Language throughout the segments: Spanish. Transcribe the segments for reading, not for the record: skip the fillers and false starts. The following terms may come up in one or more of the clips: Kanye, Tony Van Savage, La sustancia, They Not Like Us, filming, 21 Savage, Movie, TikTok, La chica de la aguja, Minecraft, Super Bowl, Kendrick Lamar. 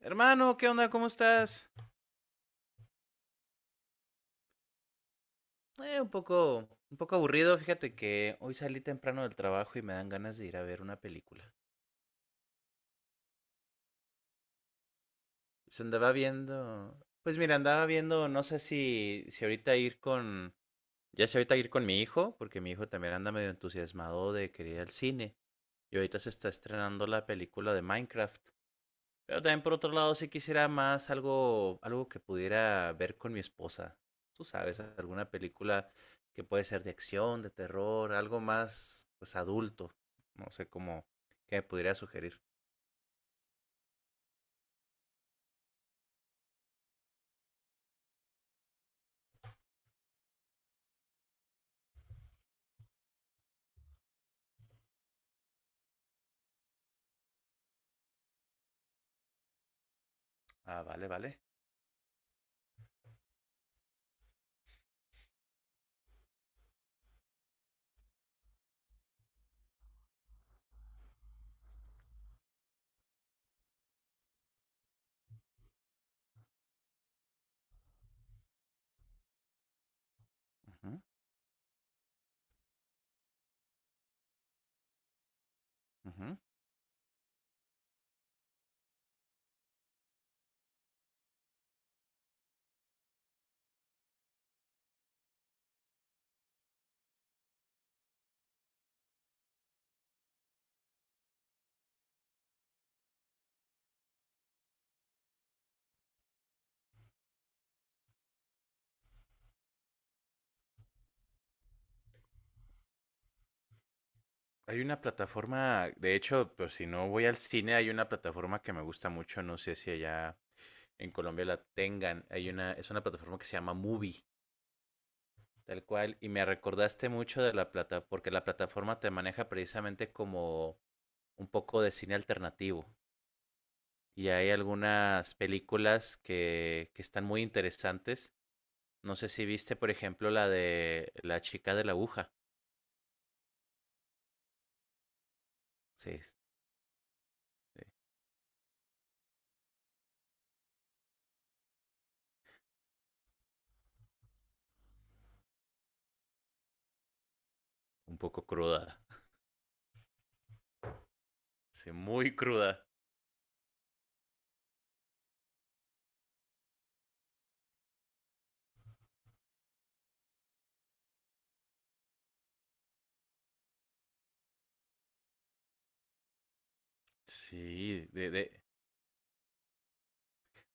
Hermano, ¿qué onda? ¿Cómo estás? Un poco aburrido. Fíjate que hoy salí temprano del trabajo y me dan ganas de ir a ver una película. Se andaba viendo, pues mira, andaba viendo, no sé si ya sé ahorita ir con mi hijo, porque mi hijo también anda medio entusiasmado de querer ir al cine. Y ahorita se está estrenando la película de Minecraft. Pero también por otro lado, sí quisiera más algo, algo que pudiera ver con mi esposa. Tú sabes, alguna película que puede ser de acción, de terror, algo más, pues, adulto. No sé cómo, qué me pudiera sugerir. Ah, vale, vale. Ujú, ujú. Hay una plataforma, de hecho, pues si no voy al cine, hay una plataforma que me gusta mucho, no sé si allá en Colombia la tengan. Es una plataforma que se llama Movie. Tal cual, y me recordaste mucho de la plataforma, porque la plataforma te maneja precisamente como un poco de cine alternativo. Y hay algunas películas que están muy interesantes. No sé si viste, por ejemplo, la de La chica de la aguja. Sí, es un poco cruda. Sí, muy cruda. Sí,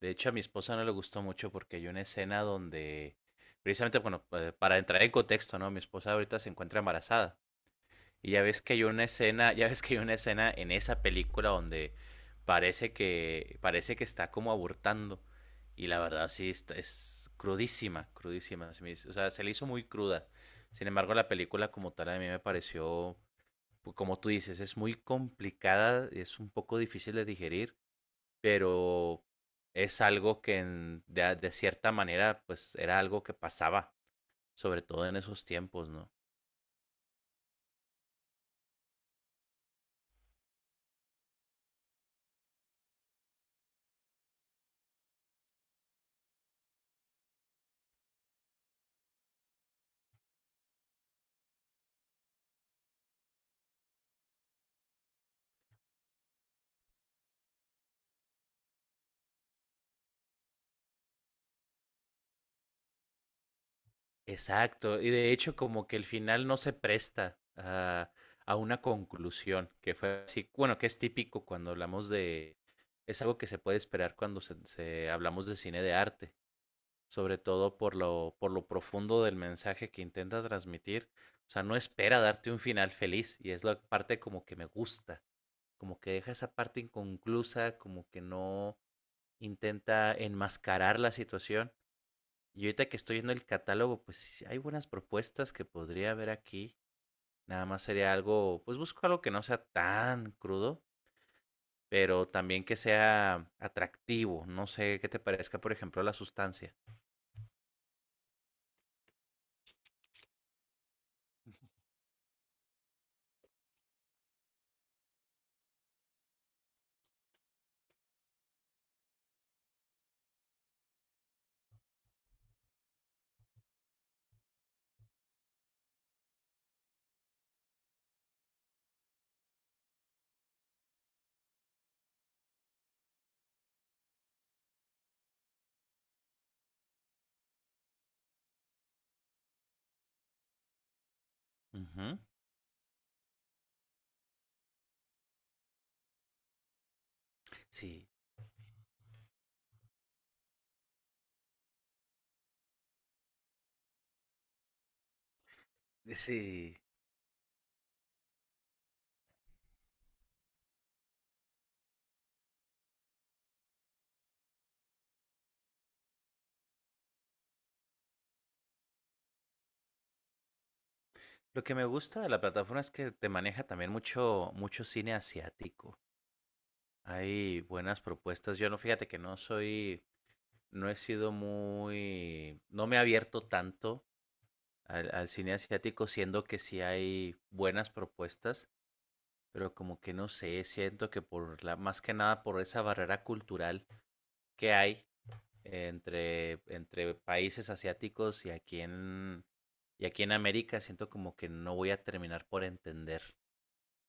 de hecho a mi esposa no le gustó mucho porque hay una escena donde, precisamente, bueno, para entrar en contexto, ¿no? Mi esposa ahorita se encuentra embarazada. Ya ves que hay una escena en esa película donde parece que está como abortando y la verdad es crudísima, crudísima, o sea, se le hizo muy cruda. Sin embargo, la película como tal a mí me pareció, como tú dices, es muy complicada, es un poco difícil de digerir, pero es algo que de cierta manera pues era algo que pasaba, sobre todo en esos tiempos, ¿no? Exacto, y de hecho como que el final no se presta a, una conclusión, que fue así, bueno, que es típico cuando hablamos de, es algo que se puede esperar cuando hablamos de cine de arte, sobre todo por lo profundo del mensaje que intenta transmitir, o sea, no espera darte un final feliz, y es la parte como que me gusta, como que deja esa parte inconclusa, como que no intenta enmascarar la situación y ahorita que estoy viendo el catálogo, pues sí hay buenas propuestas que podría haber aquí. Nada más sería algo, pues busco algo que no sea tan crudo, pero también que sea atractivo. No sé qué te parezca, por ejemplo, la sustancia. Ujú. Sí, sí. Lo que me gusta de la plataforma es que te maneja también mucho, mucho cine asiático. Hay buenas propuestas. Yo no, fíjate que no soy, no he sido muy, no me he abierto tanto al cine asiático, siendo que sí hay buenas propuestas, pero como que no sé, siento que por la, más que nada por esa barrera cultural que hay entre países asiáticos y aquí en América siento como que no voy a terminar por entender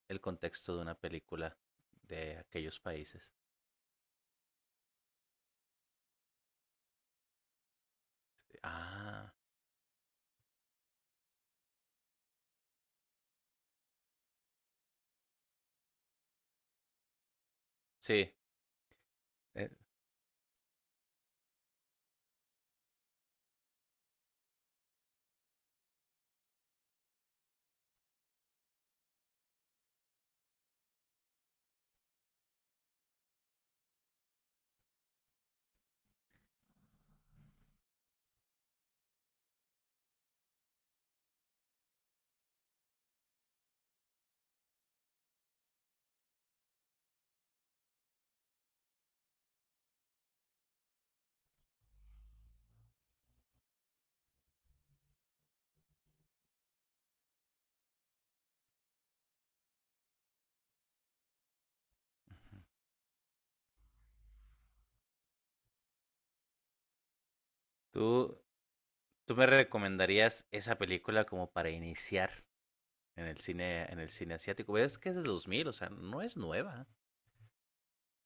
el contexto de una película de aquellos países. Ah, sí. Eh, ¿Tú, tú me recomendarías esa película como para iniciar en el cine asiático? Es que es de 2000, o sea, no es nueva,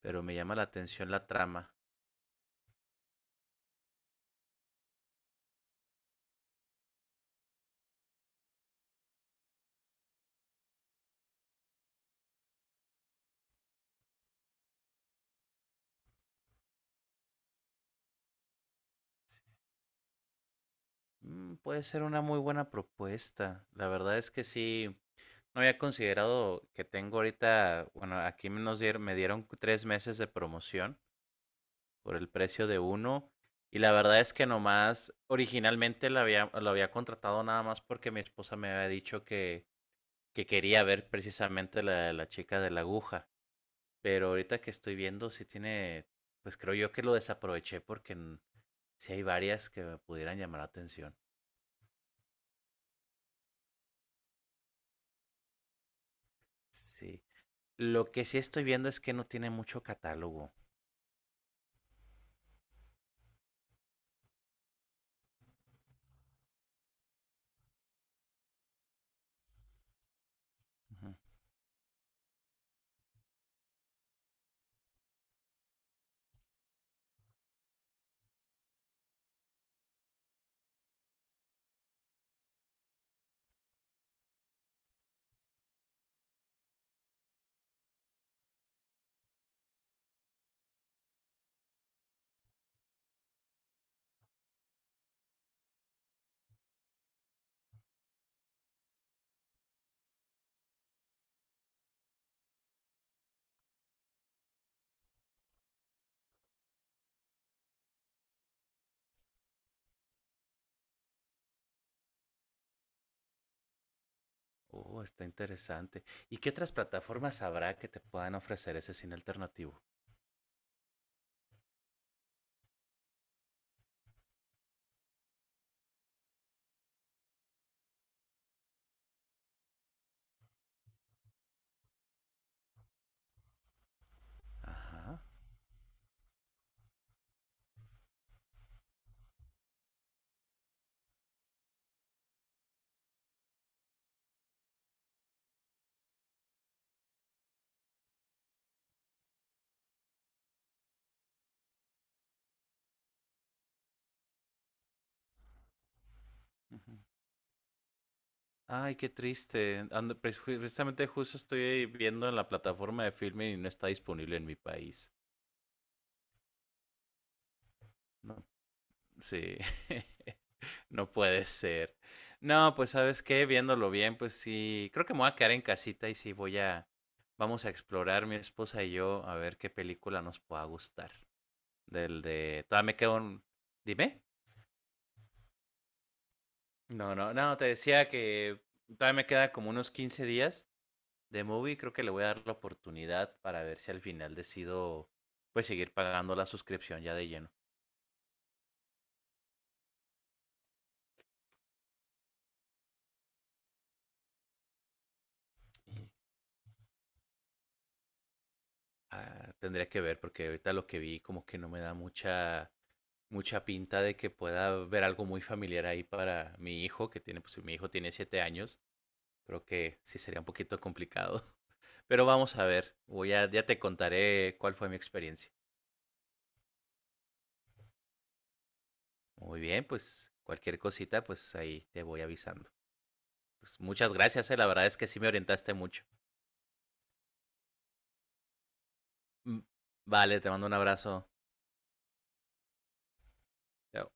pero me llama la atención la trama. Mm, puede ser una muy buena propuesta. La verdad es que sí, no había considerado que tengo ahorita, bueno, me dieron 3 meses de promoción por el precio de uno. Y la verdad es que nomás, originalmente la había, lo había contratado nada más porque mi esposa me había dicho que quería ver precisamente la de la chica de la aguja. Pero ahorita que estoy viendo, sí tiene, pues creo yo que lo desaproveché porque sí hay varias que me pudieran llamar la atención. Sí. Lo que sí estoy viendo es que no tiene mucho catálogo. Ujú. Oh, está interesante. ¿Y qué otras plataformas habrá que te puedan ofrecer ese cine alternativo? Ajá. Ujú. Ay, qué triste. Precisamente justo estoy viendo en la plataforma de filming y no está disponible en mi país. No, sí. No puede ser. No, pues sabes qué, viéndolo bien, pues sí, creo que me voy a quedar en casita y sí vamos a explorar mi esposa y yo a ver qué película nos pueda gustar. Todavía me quedo. Dime. No, no, no, te decía que todavía me queda como unos 15 días de movie, creo que le voy a dar la oportunidad para ver si al final decido, pues seguir pagando la suscripción ya de lleno. Ah, tendría que ver porque ahorita lo que vi como que no me da mucha mucha pinta de que pueda ver algo muy familiar ahí para mi hijo, que tiene, pues si mi hijo tiene 7 años. Creo que sí sería un poquito complicado. Pero vamos a ver. Ya te contaré cuál fue mi experiencia. Muy bien, pues cualquier cosita, pues ahí te voy avisando. Pues muchas gracias, la verdad es que sí me orientaste mucho. Mm, Vale, te mando un abrazo. Chao.